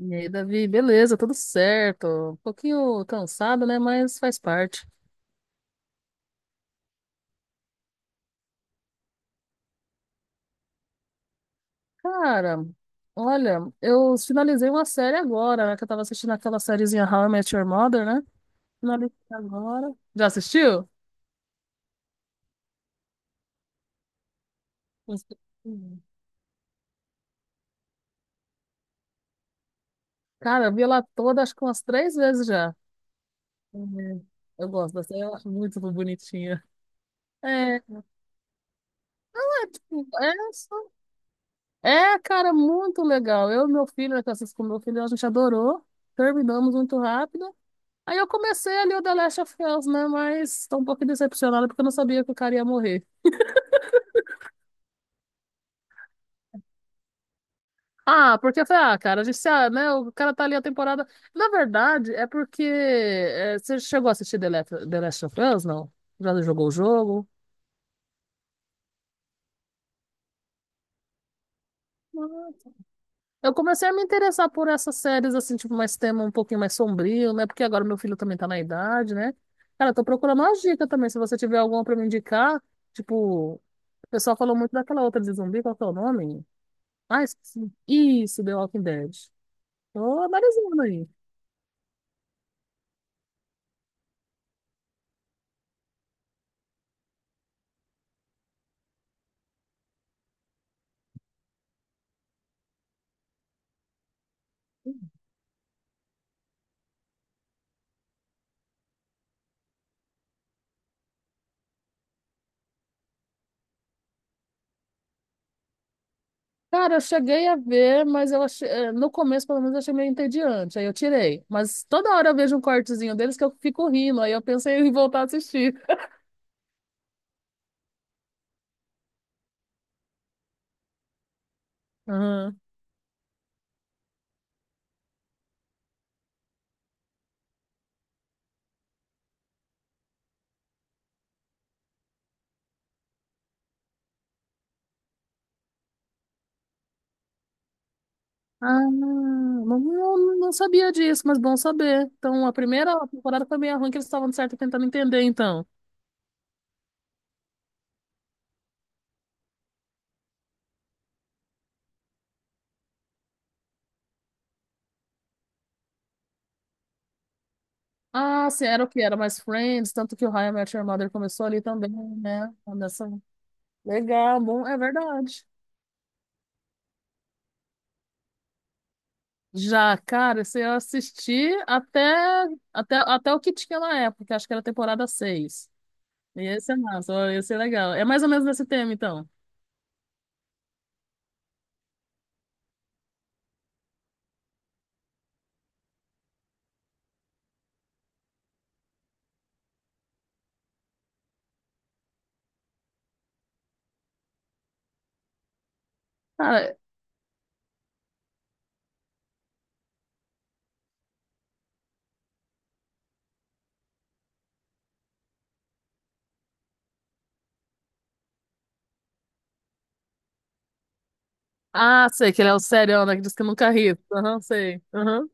E aí, Davi, beleza, tudo certo. Um pouquinho cansado, né? Mas faz parte. Cara, olha, eu finalizei uma série agora, né? Que eu tava assistindo aquela sériezinha How I Met Your Mother, né? Finalizei agora. Já assistiu? Cara, eu vi ela toda, acho que umas 3 vezes já. Uhum. Eu gosto dessa, eu acho muito bonitinha. É, tipo, essa. É, cara, muito legal. Eu e meu filho, né, que eu assisto com meu filho, a gente adorou. Terminamos muito rápido. Aí eu comecei ali o The Last of Us, né? Mas tô um pouquinho decepcionada porque eu não sabia que o cara ia morrer. Ah, porque eu falei, ah, cara, a gente, ah, né? O cara tá ali a temporada. Na verdade, é porque. É, você chegou a assistir The Last of Us, não? Já jogou o jogo? Não. Eu comecei a me interessar por essas séries, assim, tipo, mais tema um pouquinho mais sombrio, né? Porque agora meu filho também tá na idade, né? Cara, eu tô procurando uma dica também. Se você tiver alguma pra me indicar, tipo, o pessoal falou muito daquela outra de zumbi, qual que é o nome? Ah, esqueci. Isso, The Walking Dead. Tô analisando aí. Cara, eu cheguei a ver, mas eu achei, no começo, pelo menos, eu achei meio entediante. Aí eu tirei. Mas toda hora eu vejo um cortezinho deles que eu fico rindo. Aí eu pensei em voltar a assistir. Aham. Ah, não, não sabia disso, mas bom saber. Então, a primeira temporada foi meio ruim, que eles estavam, de certo, tentando entender, então. Ah, sim, era o que? Era mais Friends, tanto que o How I Met Your Mother começou ali também, né? Nessa. Legal, bom, é verdade. Já, cara, se eu assisti até o que tinha na época, acho que era a temporada 6. E esse é massa, ó, esse é legal. É mais ou menos nesse tema, então. Cara, sei que ele é o serião, né, que diz que nunca ri. Aham, sei. Aham.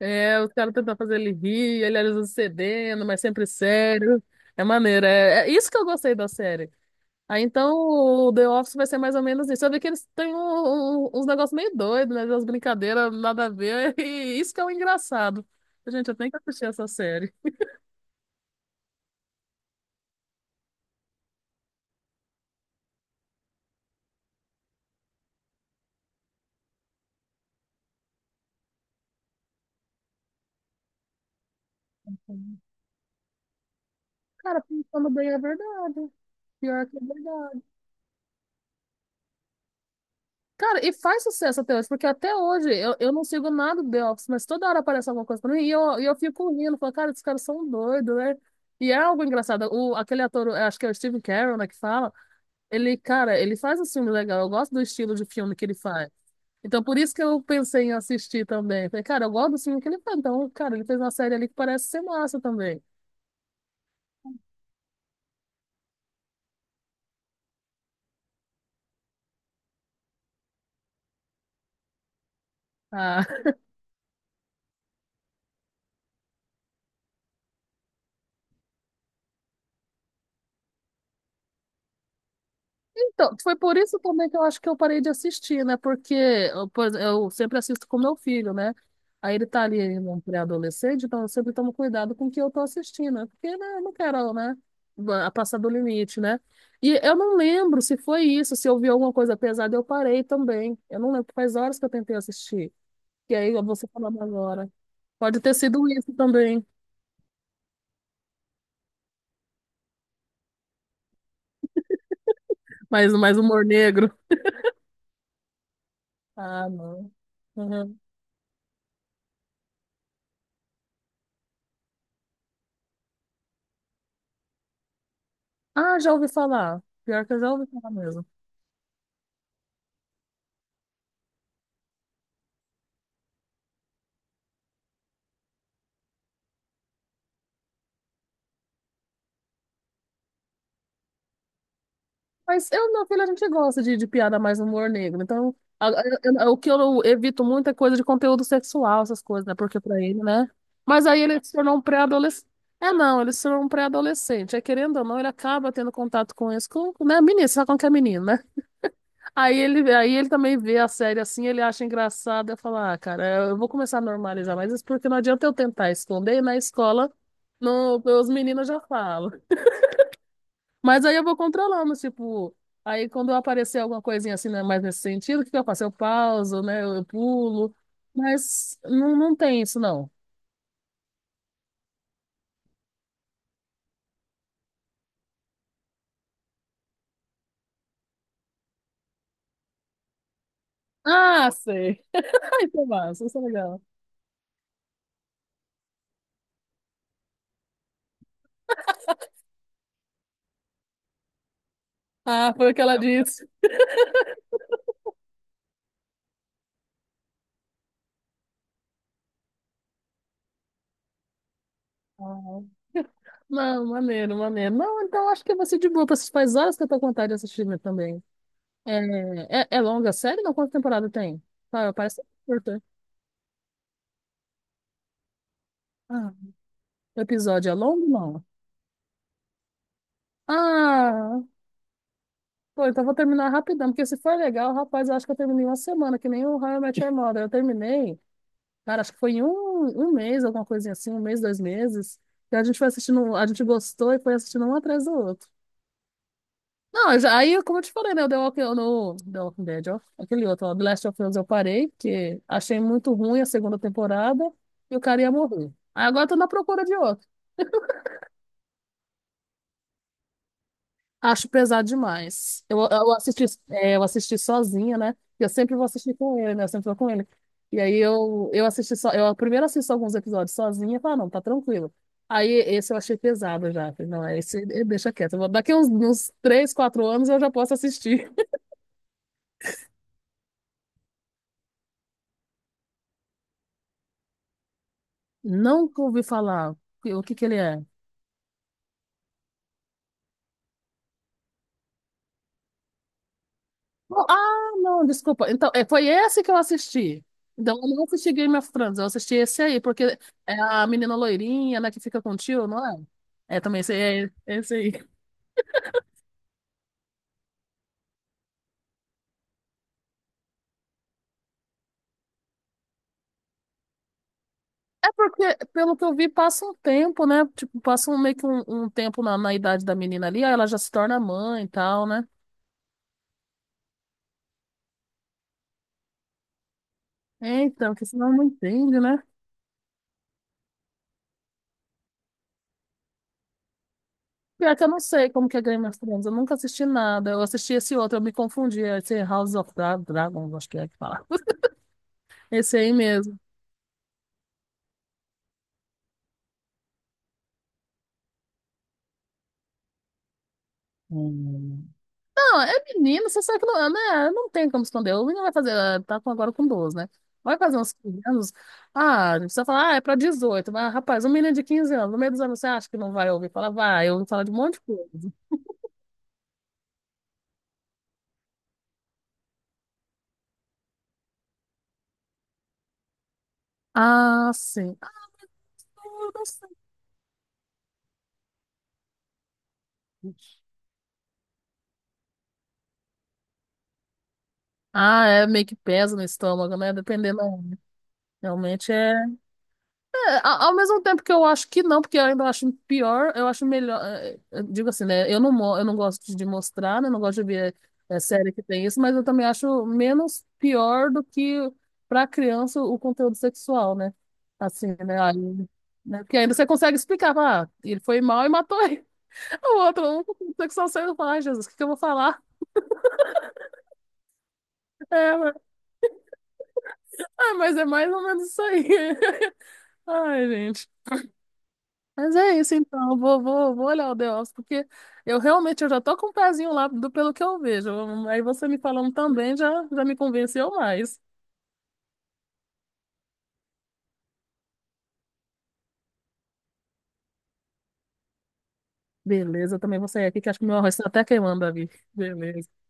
É, os caras tentam fazer ele rir, ele às vezes cedendo, mas sempre sério. É maneiro, é, é isso que eu gostei da série. Aí então o The Office vai ser mais ou menos isso. Eu vi que eles têm uns negócios meio doidos, né? Umas brincadeiras, nada a ver. E isso que é o engraçado. Gente, eu tenho que assistir essa série. Cara, pensando bem, é verdade. Pior que é verdade. Cara, e faz sucesso até hoje, porque até hoje eu não sigo nada do The Office, mas toda hora aparece alguma coisa pra mim e eu fico rindo, falo, cara, esses caras são doidos, né? E é algo engraçado. Aquele ator, eu acho que é o Steve Carell, né, que fala, ele, cara, ele faz um filme legal, eu gosto do estilo de filme que ele faz. Então, por isso que eu pensei em assistir também. Falei, cara, eu gosto do filme que ele faz. Então, cara, ele fez uma série ali que parece ser massa também. ah Então, foi por isso também que eu acho que eu parei de assistir, né? Porque eu, eu sempre assisto com meu filho, né? Aí ele tá ali no pré-adolescente, então eu sempre tomo cuidado com o que eu tô assistindo, né? Porque né, eu não quero, né? Passar do limite, né? E eu não lembro se foi isso, se eu vi alguma coisa pesada, eu parei também. Eu não lembro, faz horas que eu tentei assistir. E aí você falando agora. Pode ter sido isso também, mas mais humor negro. Ah, não. Uhum. Ah, já ouvi falar. Pior que eu já ouvi falar mesmo. Mas eu, e meu filho, a gente gosta de piada mais humor negro. Então, a- a- o que eu evito muito é coisa de conteúdo sexual, essas coisas, né? Porque pra ele, né? Mas aí ele se tornou um pré-adolescente. É, não, ele se tornou um pré-adolescente. É, querendo ou não, ele acaba tendo contato com isso, com, né? Menino, sabe com que é menino, né? Aí ele também vê a série assim, ele acha engraçado. Eu falo, ah, cara, eu vou começar a normalizar mas isso, porque não adianta eu tentar esconder e na escola, no, os meninos já falam. Mas aí eu vou controlando, tipo, aí quando aparecer alguma coisinha assim, né, mais nesse sentido, o que que eu faço? Eu pauso, né? Eu pulo. Mas não, não tem isso, não. Ah, sei. Ai, que massa, isso é legal. Ah, foi o que ela disse. Ah, não, maneiro, maneiro. Não, então acho que vai ser de boa pra assistir. Faz horas que eu tô com vontade de assistir mesmo também. É longa a série? Não, quantas temporadas tem? Ah, parece curta. Ah, o episódio é longo, não? Ah, pô, então vou terminar rapidão, porque se for legal, rapaz, eu acho que eu terminei uma semana, que nem o How I Met Your Mother. Eu terminei, cara, acho que foi em um mês, alguma coisinha assim, um mês, 2 meses. E a gente foi assistindo, a gente gostou e foi assistindo um atrás do outro. Não, eu já, aí, como eu te falei, né, o The Walking, no, The Walking Dead, ó, aquele outro, ó, The Last of Us, eu parei, porque achei muito ruim a segunda temporada e o cara ia morrer. Aí agora eu tô na procura de outro. Acho pesado demais. Eu assisti, é, eu assisti sozinha, né? Eu sempre vou assistir com ele, né? Eu sempre vou com ele. E aí eu assisti só, eu primeiro assisto alguns episódios sozinha e falo, "Ah, não, tá tranquilo. Aí esse eu achei pesado já. Falei, não, é esse deixa quieto. Daqui uns 3 4 anos eu já posso assistir. Não ouvi falar o que que ele é. Ah, não, desculpa. Então, é, foi esse que eu assisti. Então, eu não assisti Game of Thrones, eu assisti esse aí, porque é a menina loirinha, né, que fica com o tio, não é? É também esse, é, esse aí. É porque, pelo que eu vi, passa um tempo, né? Tipo, passa um tempo na idade da menina ali, aí ela já se torna mãe e tal, né? É, então, que senão não entende, né? Pior que eu não sei como que é Game of Thrones, eu nunca assisti nada. Eu assisti esse outro, eu me confundi, esse House of Dragons, acho que é que fala. Esse aí mesmo. Não, é menino, você sabe que não, né, não tem como esconder. O menino vai fazer, ah, agora com 12, né? Vai fazer uns 15 anos. Ah, não precisa falar, ah, é pra 18, mas, rapaz, um menino de 15 anos, no meio dos anos, você acha que não vai ouvir? Fala, vai, eu ouvi falar de um monte de coisa. Ah, sim. Ah, eu não sei. Ah, é meio que pesa no estômago, né? Dependendo. Realmente é. É, ao mesmo tempo que eu acho que não, porque eu ainda acho pior, eu acho melhor. Eu digo assim, né? Eu não gosto de mostrar, né? Eu não gosto de ver série que tem isso, mas eu também acho menos pior do que para criança o conteúdo sexual, né? Assim, né? Aí, né? Porque ainda você consegue explicar, fala, ah, ele foi mal e matou ele. O outro, o conteúdo sexual saiu, fala, ai, Jesus, o que que eu vou falar? É, ah, mas é mais ou menos isso aí. Ai, gente. Mas é isso então, eu vou olhar o The Office, porque eu realmente eu já tô com o pezinho lá do pelo que eu vejo. Aí você me falando também já, já me convenceu mais. Beleza, eu também vou sair aqui, que acho que meu arroz está até queimando ali. Beleza.